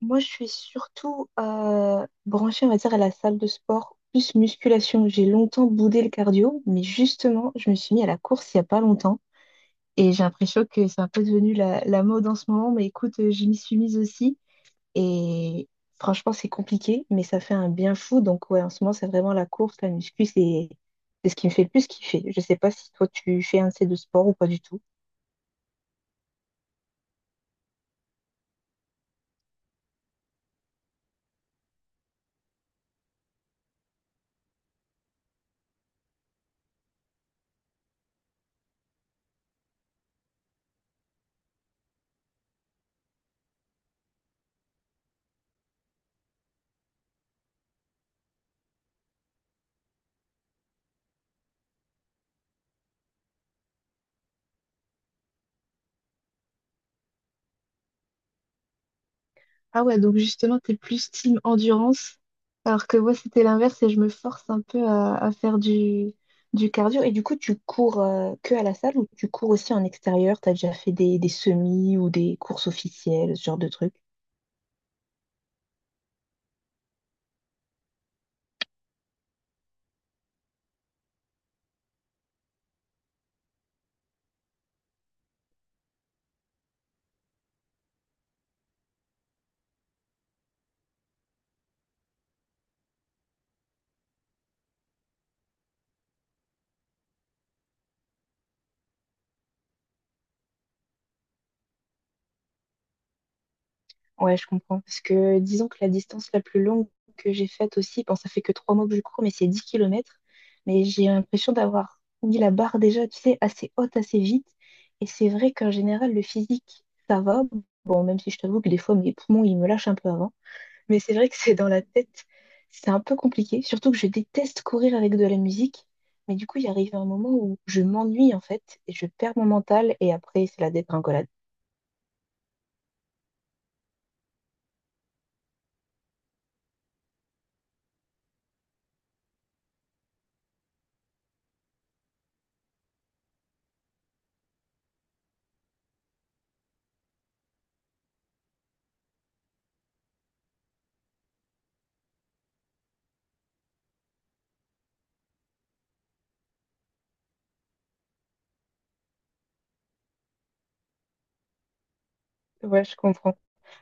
Moi, je suis surtout branchée, on va dire, à la salle de sport, plus musculation. J'ai longtemps boudé le cardio, mais justement, je me suis mis à la course il n'y a pas longtemps. Et j'ai l'impression que c'est un peu devenu la mode en ce moment. Mais écoute, je m'y suis mise aussi. Et franchement, c'est compliqué, mais ça fait un bien fou. Donc, ouais, en ce moment, c'est vraiment la course, la muscu, c'est ce qui me fait le plus kiffer. Je sais pas si toi, tu fais un de ces deux sports ou pas du tout. Ah ouais, donc justement, t'es plus team endurance, alors que moi, c'était l'inverse et je me force un peu à faire du cardio. Et du coup, tu cours que à la salle ou tu cours aussi en extérieur? T'as déjà fait des semis ou des courses officielles, ce genre de trucs? Ouais, je comprends. Parce que disons que la distance la plus longue que j'ai faite aussi, bon, ça fait que 3 mois que je cours, mais c'est 10 kilomètres. Mais j'ai l'impression d'avoir mis la barre déjà, tu sais, assez haute, assez vite. Et c'est vrai qu'en général, le physique, ça va. Bon, même si je t'avoue que des fois, mes poumons, ils me lâchent un peu avant. Mais c'est vrai que c'est dans la tête, c'est un peu compliqué. Surtout que je déteste courir avec de la musique. Mais du coup, il arrive un moment où je m'ennuie, en fait, et je perds mon mental. Et après, c'est la dégringolade. Ouais, je comprends.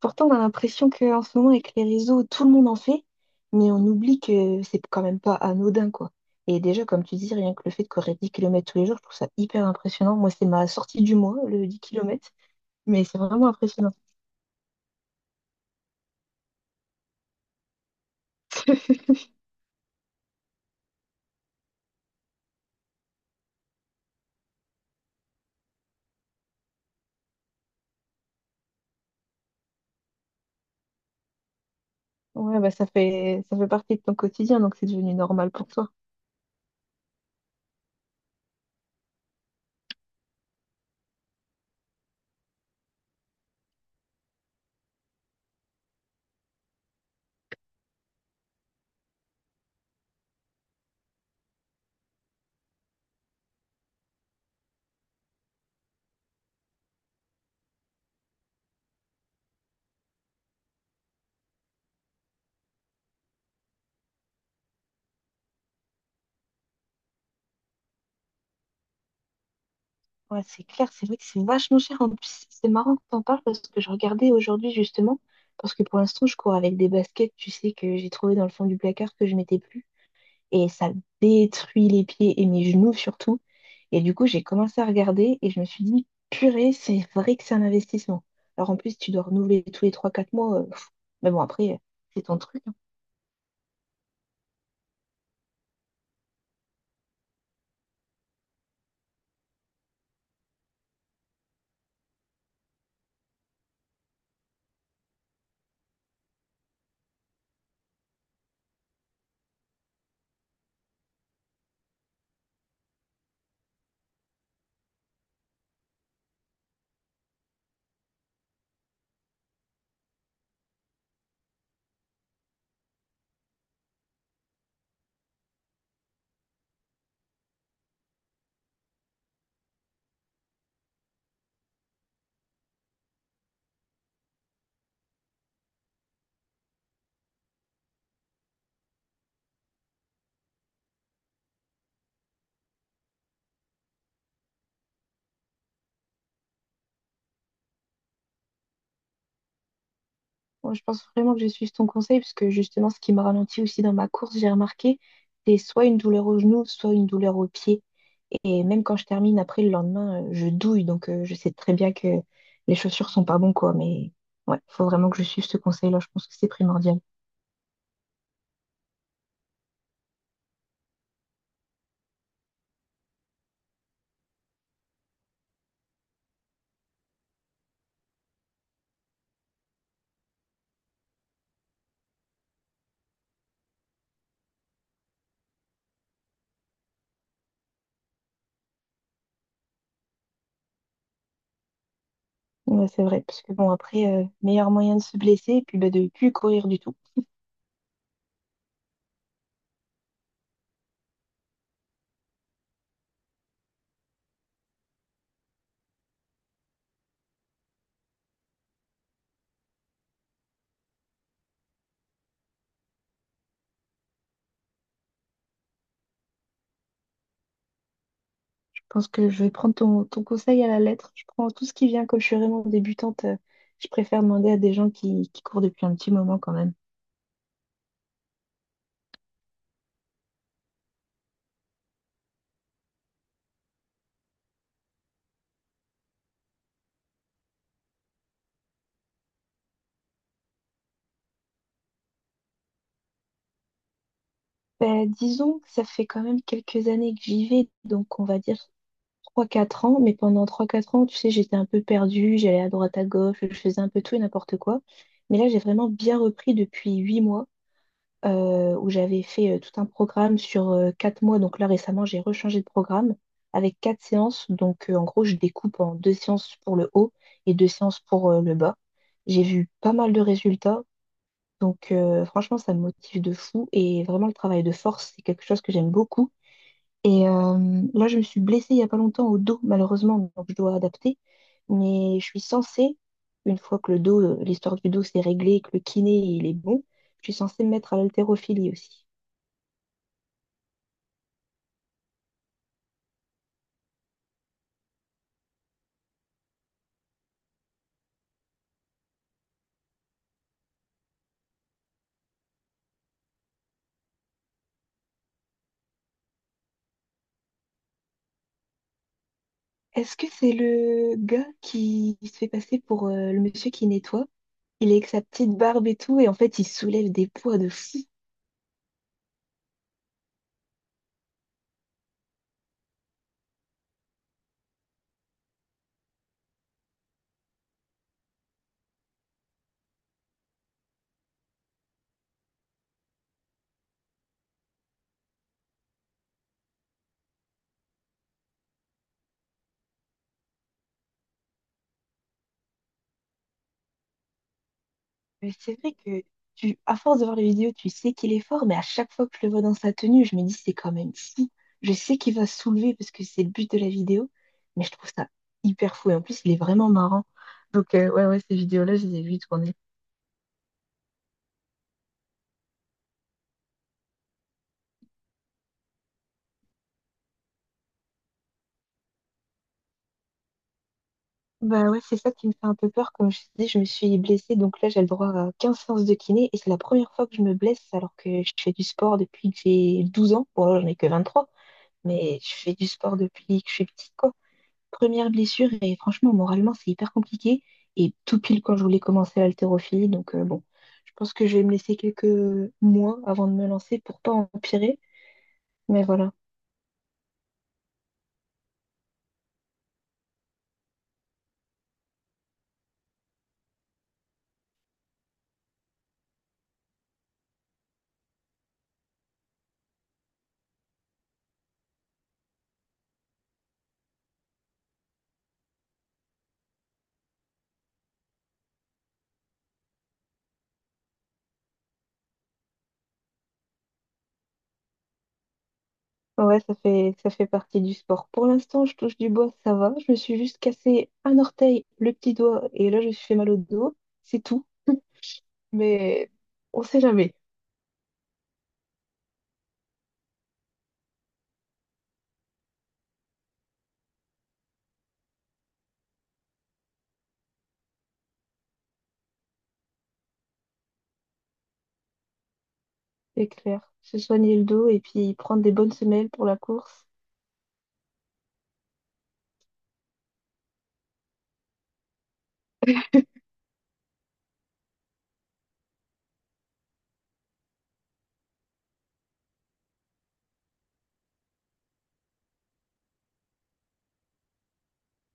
Pourtant, on a l'impression qu'en ce moment, avec les réseaux, tout le monde en fait, mais on oublie que c'est quand même pas anodin, quoi. Et déjà, comme tu dis, rien que le fait de courir 10 kilomètres tous les jours, je trouve ça hyper impressionnant. Moi, c'est ma sortie du mois, le 10 kilomètres, mais c'est vraiment impressionnant. Ouais, bah ça fait partie de ton quotidien, donc c'est devenu normal pour toi. Ouais, c'est clair, c'est vrai que c'est vachement cher. En plus, c'est marrant que t'en parles parce que je regardais aujourd'hui justement, parce que pour l'instant, je cours avec des baskets, tu sais, que j'ai trouvé dans le fond du placard que je mettais plus. Et ça détruit les pieds et mes genoux surtout. Et du coup, j'ai commencé à regarder et je me suis dit, purée, c'est vrai que c'est un investissement. Alors en plus, tu dois renouveler tous les 3 4 mois. Pff, mais bon, après, c'est ton truc, hein. Moi, je pense vraiment que je suis ton conseil parce que justement, ce qui m'a ralenti aussi dans ma course, j'ai remarqué, c'est soit une douleur au genou, soit une douleur au pied. Et même quand je termine, après le lendemain, je douille. Donc je sais très bien que les chaussures sont pas bon, quoi. Mais ouais, faut vraiment que je suive ce conseil-là. Je pense que c'est primordial. Ouais, c'est vrai, parce que bon, après, meilleur moyen de se blesser et puis bah, de plus courir du tout. Je pense que je vais prendre ton conseil à la lettre. Je prends tout ce qui vient, comme je suis vraiment débutante, je préfère demander à des gens qui courent depuis un petit moment quand même. Bah, disons que ça fait quand même quelques années que j'y vais, donc on va dire 3 4 ans, mais pendant 3 4 ans, tu sais, j'étais un peu perdue, j'allais à droite à gauche, je faisais un peu tout et n'importe quoi. Mais là, j'ai vraiment bien repris depuis 8 mois, où j'avais fait tout un programme sur 4 mois. Donc là, récemment, j'ai rechangé de programme avec quatre séances. Donc en gros, je découpe en deux séances pour le haut et deux séances pour le bas. J'ai vu pas mal de résultats. Donc franchement, ça me motive de fou. Et vraiment, le travail de force, c'est quelque chose que j'aime beaucoup. Et là, je me suis blessée il n'y a pas longtemps au dos, malheureusement. Donc je dois adapter. Mais je suis censée, une fois que le dos, l'histoire du dos s'est réglée, et que le kiné, il est bon, je suis censée me mettre à l'haltérophilie aussi. Est-ce que c'est le gars qui se fait passer pour le monsieur qui nettoie? Il est avec sa petite barbe et tout, et en fait, il soulève des poids de fou. Mais c'est vrai que tu, à force de voir les vidéos, tu sais qu'il est fort, mais à chaque fois que je le vois dans sa tenue, je me dis c'est quand même fou. Je sais qu'il va soulever parce que c'est le but de la vidéo, mais je trouve ça hyper fou. Et en plus, il est vraiment marrant. Donc, ouais, ouais, ces vidéos-là, je les ai vues tourner. Bah ouais, c'est ça qui me fait un peu peur. Comme je te dis, je me suis blessée, donc là j'ai le droit à 15 séances de kiné et c'est la première fois que je me blesse alors que je fais du sport depuis que j'ai 12 ans. Bon, là j'en ai que 23 mais je fais du sport depuis que je suis petite, quoi. Première blessure et franchement, moralement, c'est hyper compliqué. Et tout pile quand je voulais commencer l'haltérophilie, donc bon, je pense que je vais me laisser quelques mois avant de me lancer pour pas empirer. Mais voilà. Ouais, ça fait partie du sport. Pour l'instant, je touche du bois, ça va. Je me suis juste cassé un orteil, le petit doigt, et là, je me suis fait mal au dos. C'est tout. Mais on sait jamais. C'est clair. Se soigner le dos et puis prendre des bonnes semelles pour la course.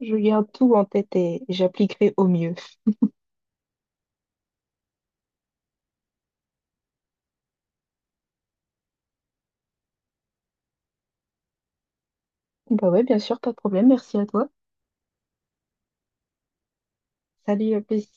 Je garde tout en tête et j'appliquerai au mieux. Bah ouais, bien sûr, pas de problème. Merci à toi. Salut, à plus.